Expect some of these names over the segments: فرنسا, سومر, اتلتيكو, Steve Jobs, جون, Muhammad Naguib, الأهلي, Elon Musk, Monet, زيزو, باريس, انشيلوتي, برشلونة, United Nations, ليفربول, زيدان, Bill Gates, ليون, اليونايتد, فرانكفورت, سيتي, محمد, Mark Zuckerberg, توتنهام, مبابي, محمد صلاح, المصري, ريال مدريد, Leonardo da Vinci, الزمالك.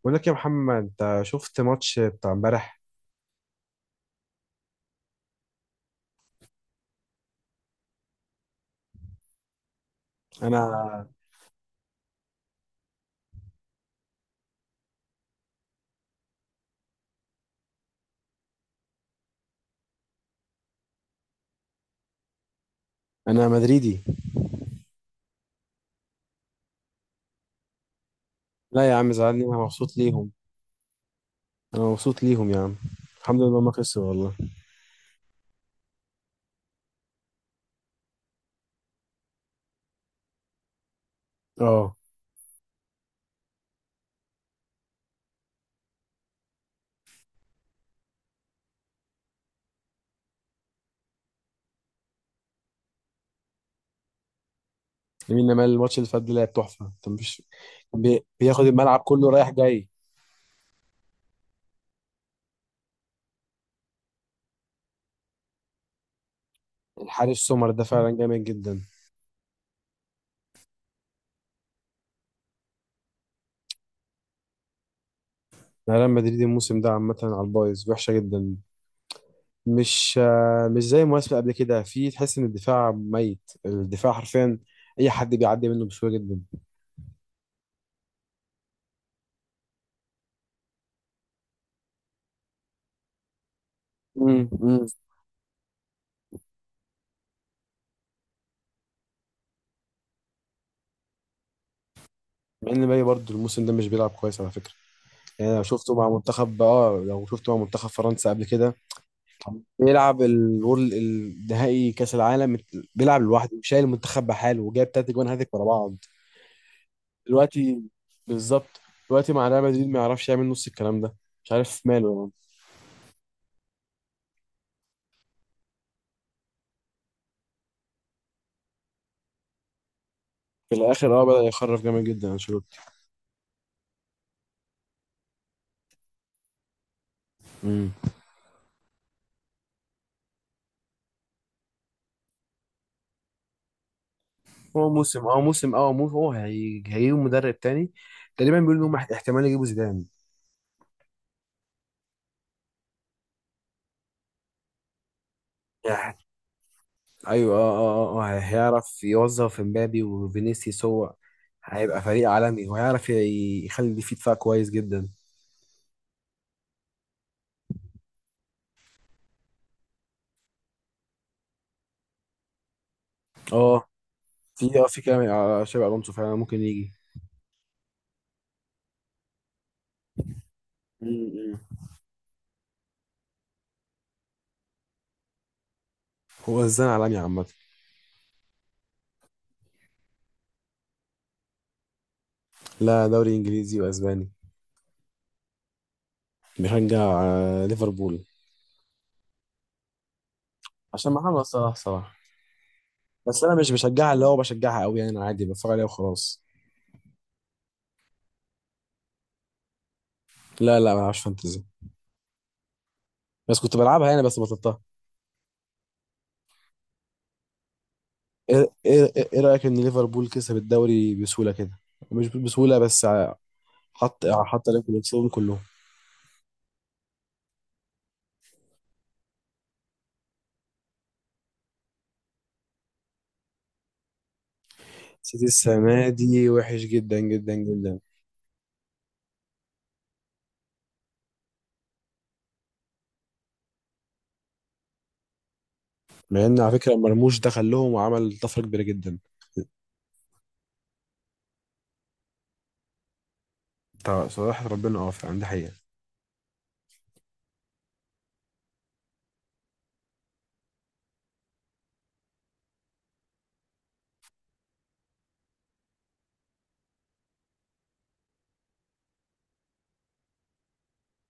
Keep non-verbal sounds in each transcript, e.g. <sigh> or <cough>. بقول لك يا محمد، انت شفت ماتش بتاع امبارح؟ انا انا مدريدي. لا يا عم، زعلني؟ انا مبسوط ليهم. انا مبسوط ليهم يا عم. الحمد لله ما خسروا والله. اه لامين يامال الماتش اللي فات ده لعب تحفه، انت مش بياخد الملعب كله رايح جاي؟ الحارس سومر ده فعلا جامد جدا. أنا ريال مدريد الموسم ده عامه على البايظ، وحشه جدا. مش زي المواسم قبل كده، في تحس ان الدفاع ميت، الدفاع حرفيا اي حد بيعدي منه بسهوله جدا. امم. مع ان مبابي برضه الموسم ده مش بيلعب كويس على فكره. يعني انا شفته مع منتخب، لو شفته مع منتخب فرنسا قبل كده، بيلعب الورل النهائي كاس العالم، بيلعب لوحده شايل المنتخب بحاله، وجايب تلات جوان هاتريك ورا بعض. دلوقتي بالظبط. دلوقتي مع ريال مدريد ما يعرفش يعمل نص الكلام ده. مش عارف ماله يعني. في الاخر بدأ يخرف جامد جدا انشيلوتي. امم. هو موسم، هو هيجيب مدرب تاني. تقريبا بيقولوا ان هم احتمال يجيبوا زيدان. ايوه، هيعرف يوظف امبابي وفينيسيوس. هو هيبقى فريق عالمي، وهيعرف يخلي فيه دفاع كويس جدا. اه، في كلام على شابي الونسو فعلا ممكن يجي. مم. هو هزان عالمي عامة. لا، دوري انجليزي واسباني. بشجع ليفربول. عشان محمد صلاح صراحة. بس انا مش بشجعها اللي هو بشجعها قوي، يعني انا عادي بتفرج عليها وخلاص. لا لا، ما بلعبش فانتزي. بس كنت بلعبها يعني، بس بطلتها. ايه ايه؟ إيه رأيك ان ليفربول كسب الدوري بسهولة كده؟ مش بسهولة بس. حط حط عليكم نفسهم كلهم. سيتي السنة دي وحش جدا جدا جدا. مع ان على فكرة مرموش دخل لهم وعمل طفرة كبيرة جدا. طب صراحة ربنا فعلا، دي حقيقة.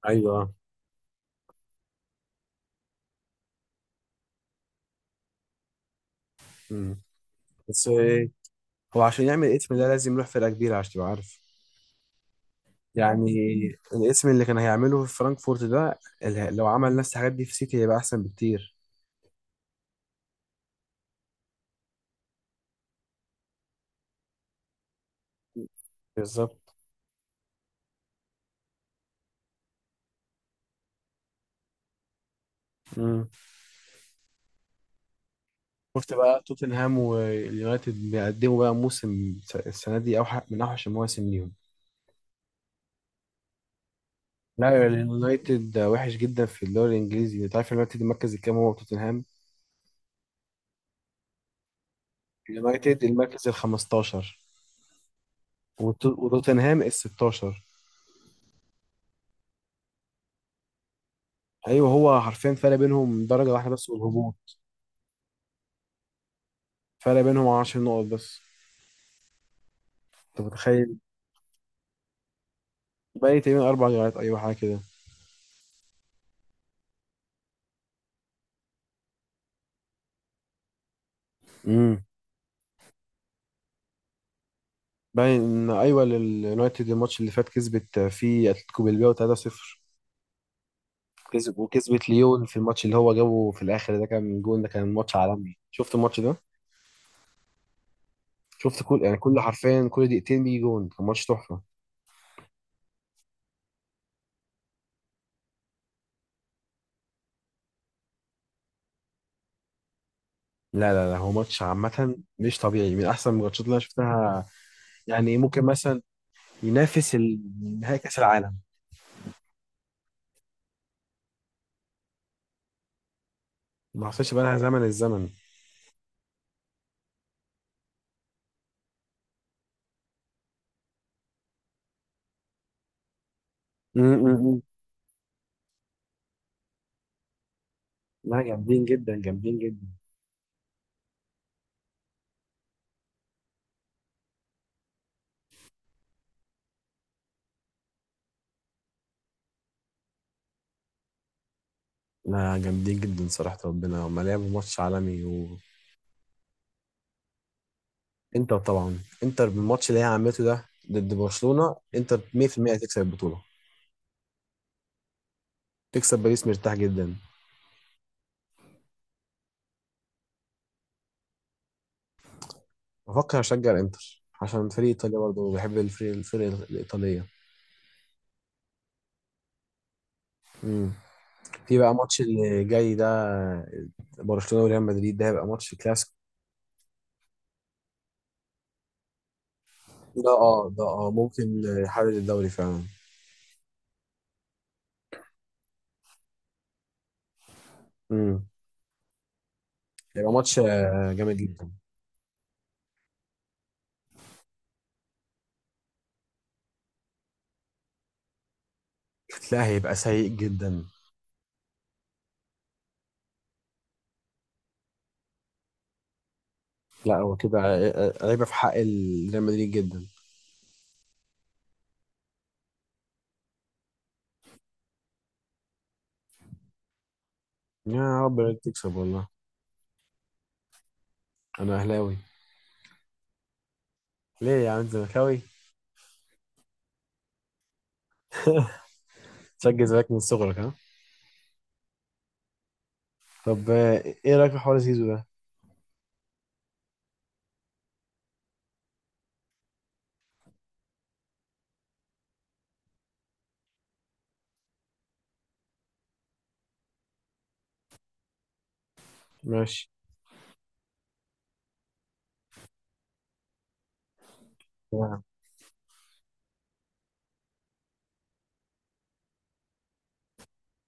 ايوه. مم. بس هو ايه؟ هو عشان يعمل الاسم ده لازم يروح فرقة كبيرة عشان تبقى عارف يعني. الاسم اللي كان هيعمله في فرانكفورت ده، لو عمل نفس الحاجات دي في سيتي هيبقى احسن بكتير. بالظبط. مم. شفت بقى توتنهام واليونايتد بيقدموا بقى موسم؟ السنة دي أوحش من أوحش المواسم ليهم. لا، اليونايتد وحش جدا في الدوري الانجليزي، انت عارف اليونايتد المركز الكام؟ هو توتنهام. اليونايتد المركز ال 15، وتوتنهام ال 16. ايوه، هو حرفيا فرق بينهم درجه واحده بس والهبوط، فرق بينهم 10 نقط بس. انت متخيل؟ باقي تقريبا اربع جولات، ايوه حاجه كده. امم. باين ان، ايوه، اليونايتد الماتش اللي فات كسبت فيه اتلتيكو بالباو 3-0، كسب، وكسبت ليون في الماتش اللي هو جابه في الاخر ده، كان جون، ده كان ماتش عالمي. شفت الماتش ده؟ شفت كل، يعني كل، حرفيا كل دقيقتين بيجي جون، كان ماتش تحفه. لا لا لا، هو ماتش عامة مش طبيعي، من أحسن الماتشات اللي أنا شفتها. يعني ممكن مثلا ينافس نهائي كأس العالم. ما حصلش بقى، لها زمن الزمن. م- م- م. لا، جامدين جدا، جامدين جدا. لا، جامدين جدا، صراحة ربنا هما لعبوا ماتش عالمي. وإنتر طبعا، إنتر بالماتش اللي هي عملته ده ضد برشلونة، إنتر 100% هتكسب البطولة. تكسب باريس مرتاح جدا. بفكر أشجع إنتر عشان فريق إيطاليا، برضه بحب الفرق الإيطالية. مم. في بقى ماتش اللي جاي ده، برشلونة وريال مدريد، ده هيبقى ماتش كلاسيكو. ده ممكن يحرر الدوري فعلا. امم. هيبقى ماتش جامد جدا. لا هيبقى سيء جدا. لا، هو كده عيبة في حق ريال مدريد جدا. يا رب الريال تكسب والله. انا اهلاوي. ليه يا عم، أنت زملكاوي؟ <laughs> تشجع الزمالك من صغرك ها؟ طب، ايه رايك في حوار زيزو ده؟ ماشي. تمام.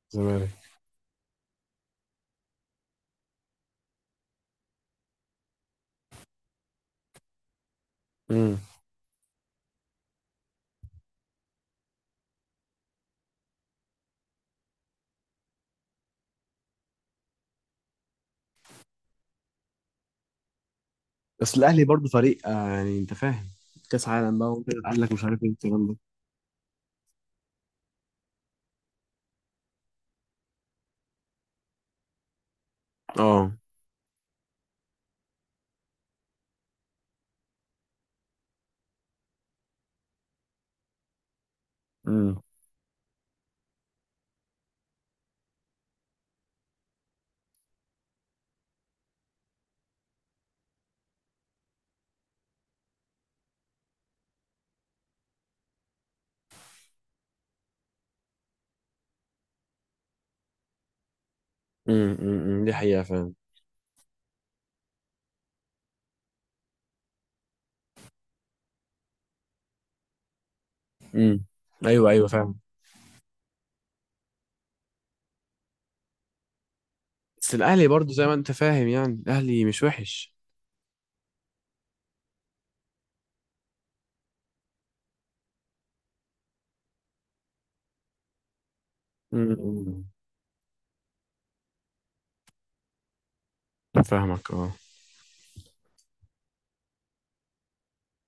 زمالك. بس الاهلي برضه فريق، يعني انت فاهم. كاس عالم بقى، وانت قال لك مش عارف ايه الكلام ده. اه. امم، امم، أمم. دي حقيقة فعلا. امم. ايوه ايوه، فاهم. بس الاهلي برضو زي ما انت فاهم، يعني الاهلي مش وحش. امم، أمم. فاهمك، اه.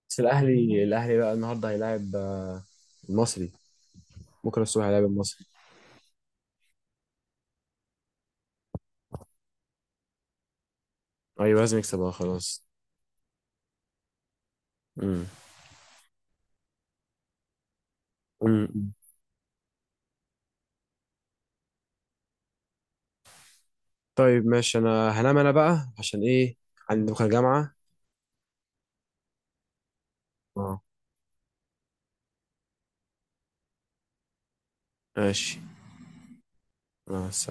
بس الاهلي بقى النهارده هيلاعب المصري. بكره الصبح هيلاعب المصري. ايوه لازم يكسب، خلاص. امم، أمم، أمم. طيب ماشي، انا هنام انا بقى عشان ايه؟ عندي بكره جامعة. اه. ماشي. مع السلامة.